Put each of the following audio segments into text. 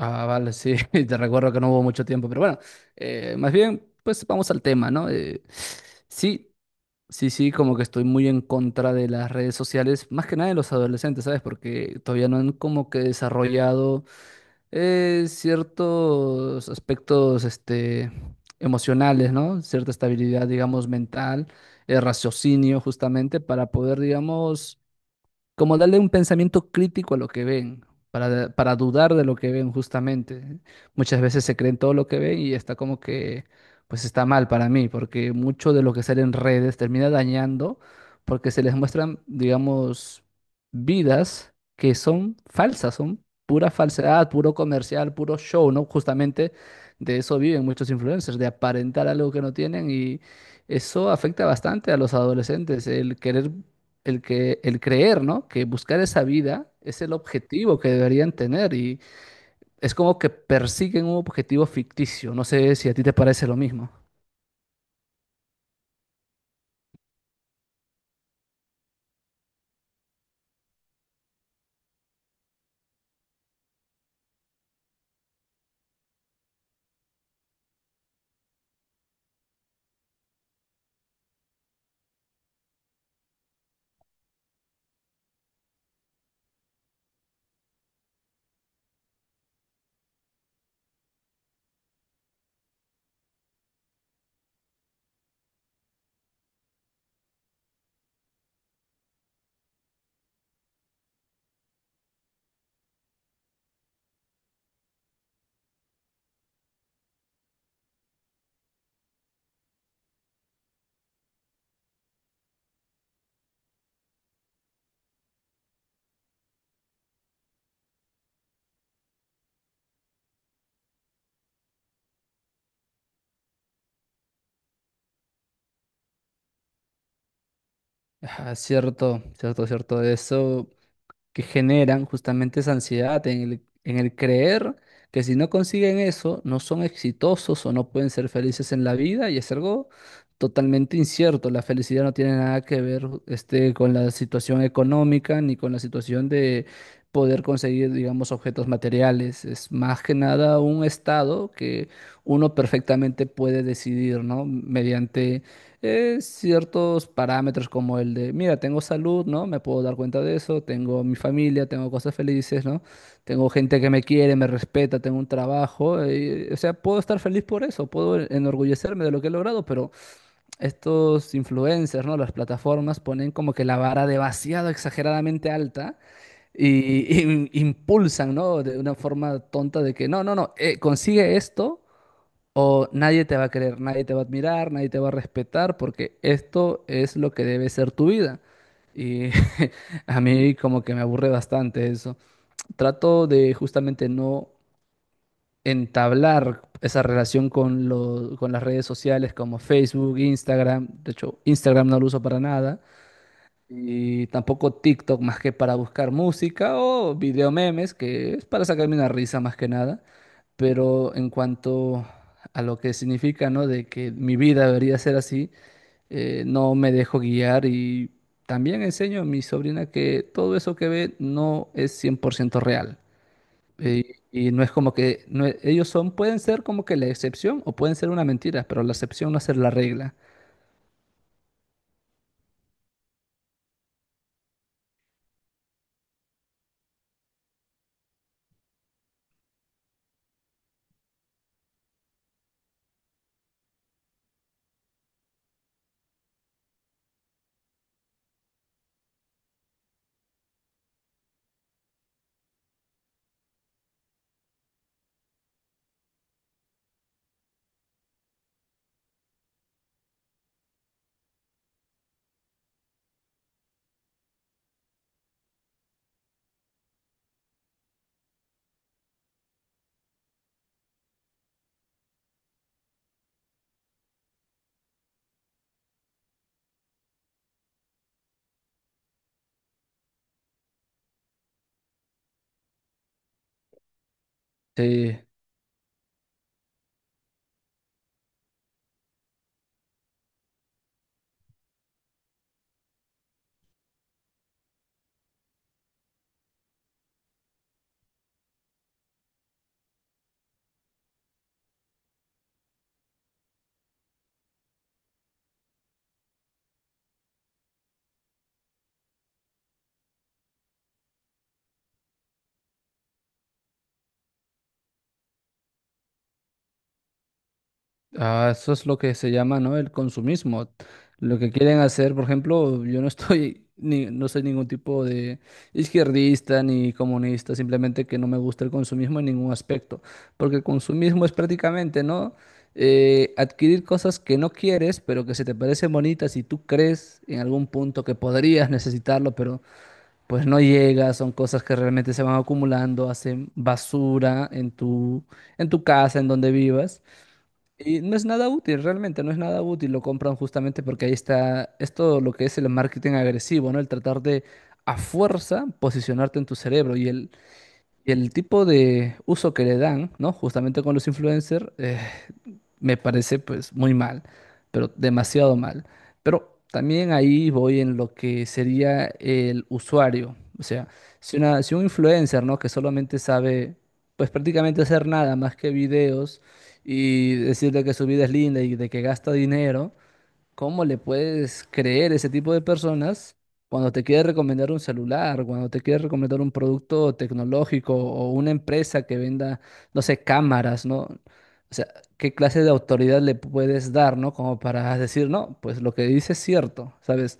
Ah, vale, sí, te recuerdo que no hubo mucho tiempo, pero bueno, más bien, pues vamos al tema, ¿no? Sí, sí, como que estoy muy en contra de las redes sociales, más que nada de los adolescentes, ¿sabes? Porque todavía no han como que desarrollado ciertos aspectos, este, emocionales, ¿no? Cierta estabilidad, digamos, mental, raciocinio, justamente, para poder, digamos, como darle un pensamiento crítico a lo que ven, para dudar de lo que ven justamente. Muchas veces se creen todo lo que ven y está como que, pues está mal para mí, porque mucho de lo que sale en redes termina dañando, porque se les muestran, digamos, vidas que son falsas, son pura falsedad, puro comercial, puro show, ¿no? Justamente de eso viven muchos influencers, de aparentar algo que no tienen y eso afecta bastante a los adolescentes, el querer el creer, ¿no? Que buscar esa vida es el objetivo que deberían tener y es como que persiguen un objetivo ficticio. No sé si a ti te parece lo mismo. Ah, cierto, cierto, cierto. Eso que generan justamente esa ansiedad en en el creer que si no consiguen eso, no son exitosos o no pueden ser felices en la vida y es algo totalmente incierto. La felicidad no tiene nada que ver este, con la situación económica ni con la situación de poder conseguir, digamos, objetos materiales. Es más que nada un estado que uno perfectamente puede decidir, ¿no? Mediante ciertos parámetros como el de, mira, tengo salud, ¿no? Me puedo dar cuenta de eso, tengo mi familia, tengo cosas felices, ¿no? Tengo gente que me quiere, me respeta, tengo un trabajo, o sea, puedo estar feliz por eso, puedo enorgullecerme de lo que he logrado, pero estos influencers, ¿no? Las plataformas ponen como que la vara demasiado exageradamente alta y impulsan, ¿no? De una forma tonta de que, no, no, no, consigue esto o nadie te va a querer, nadie te va a admirar, nadie te va a respetar, porque esto es lo que debe ser tu vida. Y a mí como que me aburre bastante eso. Trato de justamente no entablar esa relación con con las redes sociales como Facebook, Instagram. De hecho, Instagram no lo uso para nada. Y tampoco TikTok más que para buscar música o video memes, que es para sacarme una risa más que nada. Pero en cuanto a lo que significa, ¿no? De que mi vida debería ser así, no me dejo guiar y también enseño a mi sobrina que todo eso que ve no es 100% real. Y no es como que no ellos son, pueden ser como que la excepción o pueden ser una mentira, pero la excepción no es la regla. Sí. Ah, eso es lo que se llama, ¿no? El consumismo. Lo que quieren hacer, por ejemplo, yo no estoy, ni, no soy ningún tipo de izquierdista ni comunista, simplemente que no me gusta el consumismo en ningún aspecto, porque el consumismo es prácticamente, ¿no? Adquirir cosas que no quieres, pero que se te parecen bonitas y tú crees en algún punto que podrías necesitarlo, pero pues no llega, son cosas que realmente se van acumulando, hacen basura en tu casa, en donde vivas. Y no es nada útil, realmente, no es nada útil. Lo compran justamente porque ahí está, es todo lo que es el marketing agresivo, ¿no? El tratar de a fuerza posicionarte en tu cerebro. Y y el tipo de uso que le dan, ¿no? Justamente con los influencers, me parece pues muy mal, pero demasiado mal. Pero también ahí voy en lo que sería el usuario. O sea, si un influencer, ¿no? Que solamente sabe pues prácticamente hacer nada más que videos y decirle que su vida es linda y de que gasta dinero, ¿cómo le puedes creer a ese tipo de personas cuando te quiere recomendar un celular, cuando te quiere recomendar un producto tecnológico o una empresa que venda, no sé, cámaras, ¿no? O sea, ¿qué clase de autoridad le puedes dar, ¿no? Como para decir, no, pues lo que dice es cierto, ¿sabes?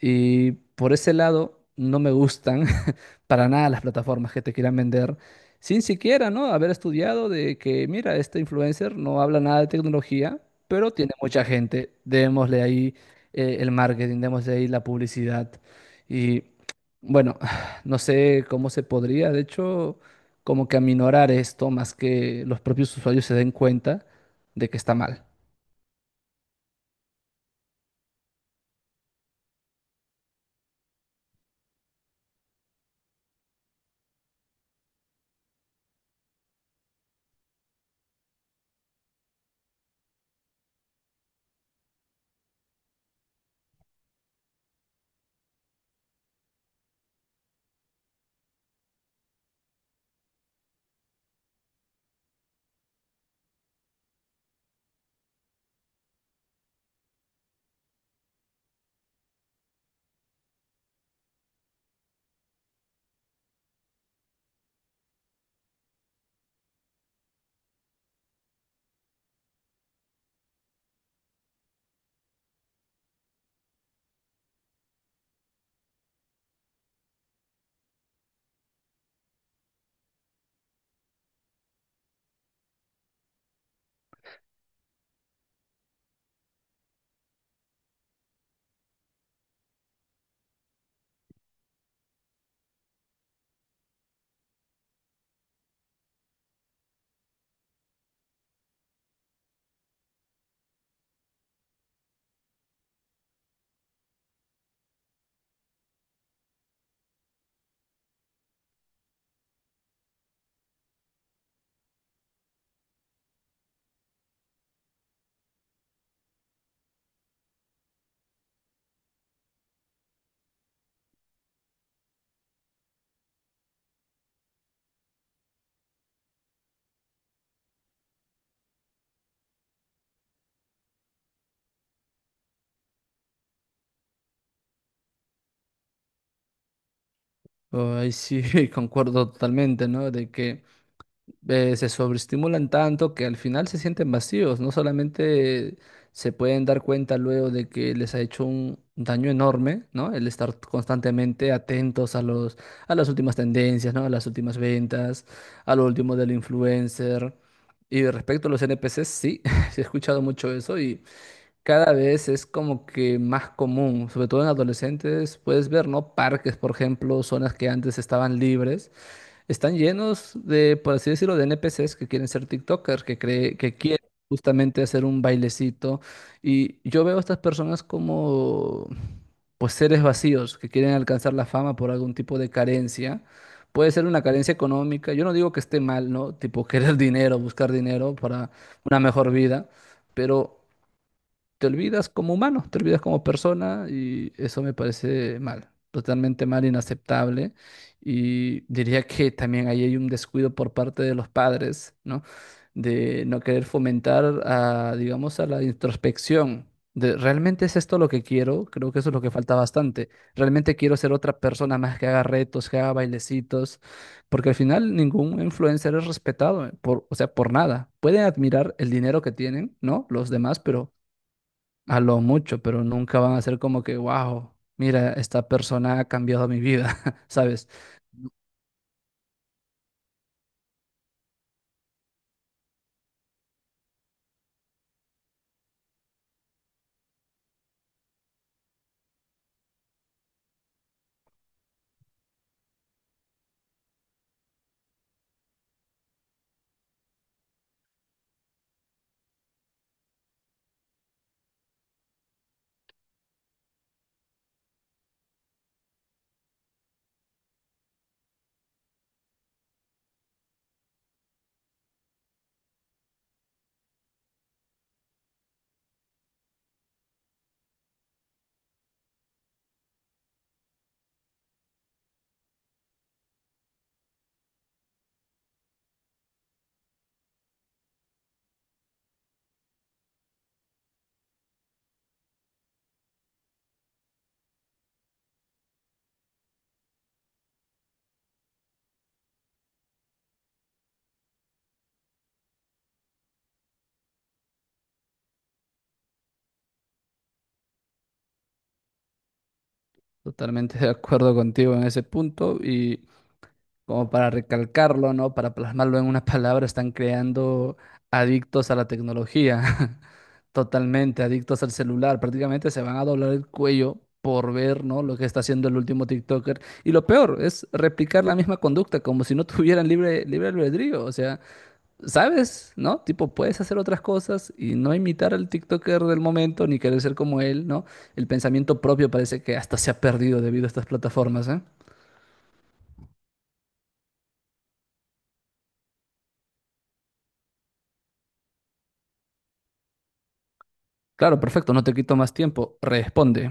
Y por ese lado, no me gustan para nada las plataformas que te quieran vender sin siquiera, ¿no? Haber estudiado de que, mira, este influencer no habla nada de tecnología, pero tiene mucha gente. Démosle ahí el marketing, démosle ahí la publicidad. Y bueno, no sé cómo se podría, de hecho, como que aminorar esto más que los propios usuarios se den cuenta de que está mal. Ay, sí, concuerdo totalmente, ¿no? De que… se sobreestimulan tanto que al final se sienten vacíos. No solamente se pueden dar cuenta luego de que les ha hecho un daño enorme, ¿no? El estar constantemente atentos a a las últimas tendencias, ¿no? A las últimas ventas, a lo último del influencer. Y respecto a los NPCs, sí, sí he escuchado mucho eso y cada vez es como que más común, sobre todo en adolescentes, puedes ver, ¿no? Parques, por ejemplo, zonas que antes estaban libres están llenos de, por así decirlo, de NPCs que quieren ser TikTokers, que quieren justamente hacer un bailecito. Y yo veo a estas personas como pues seres vacíos que quieren alcanzar la fama por algún tipo de carencia. Puede ser una carencia económica. Yo no digo que esté mal, ¿no? Tipo querer dinero, buscar dinero para una mejor vida, pero te olvidas como humano, te olvidas como persona y eso me parece mal, totalmente mal, inaceptable. Y diría que también ahí hay un descuido por parte de los padres, ¿no? De no querer fomentar a, digamos, a la introspección. De, ¿realmente es esto lo que quiero? Creo que eso es lo que falta bastante. Realmente quiero ser otra persona más que haga retos, que haga bailecitos, porque al final ningún influencer es respetado por, o sea, por nada. Pueden admirar el dinero que tienen, ¿no? Los demás, pero a lo mucho, pero nunca van a ser como que, wow, mira, esta persona ha cambiado mi vida, ¿sabes? Totalmente de acuerdo contigo en ese punto y como para recalcarlo, ¿no? Para plasmarlo en una palabra, están creando adictos a la tecnología, totalmente adictos al celular, prácticamente se van a doblar el cuello por ver, ¿no? Lo que está haciendo el último TikToker. Y lo peor es replicar la misma conducta, como si no tuvieran libre albedrío. O sea, ¿sabes? ¿No? Tipo, puedes hacer otras cosas y no imitar al TikToker del momento ni querer ser como él, ¿no? El pensamiento propio parece que hasta se ha perdido debido a estas plataformas, ¿eh? Claro, perfecto, no te quito más tiempo. Responde.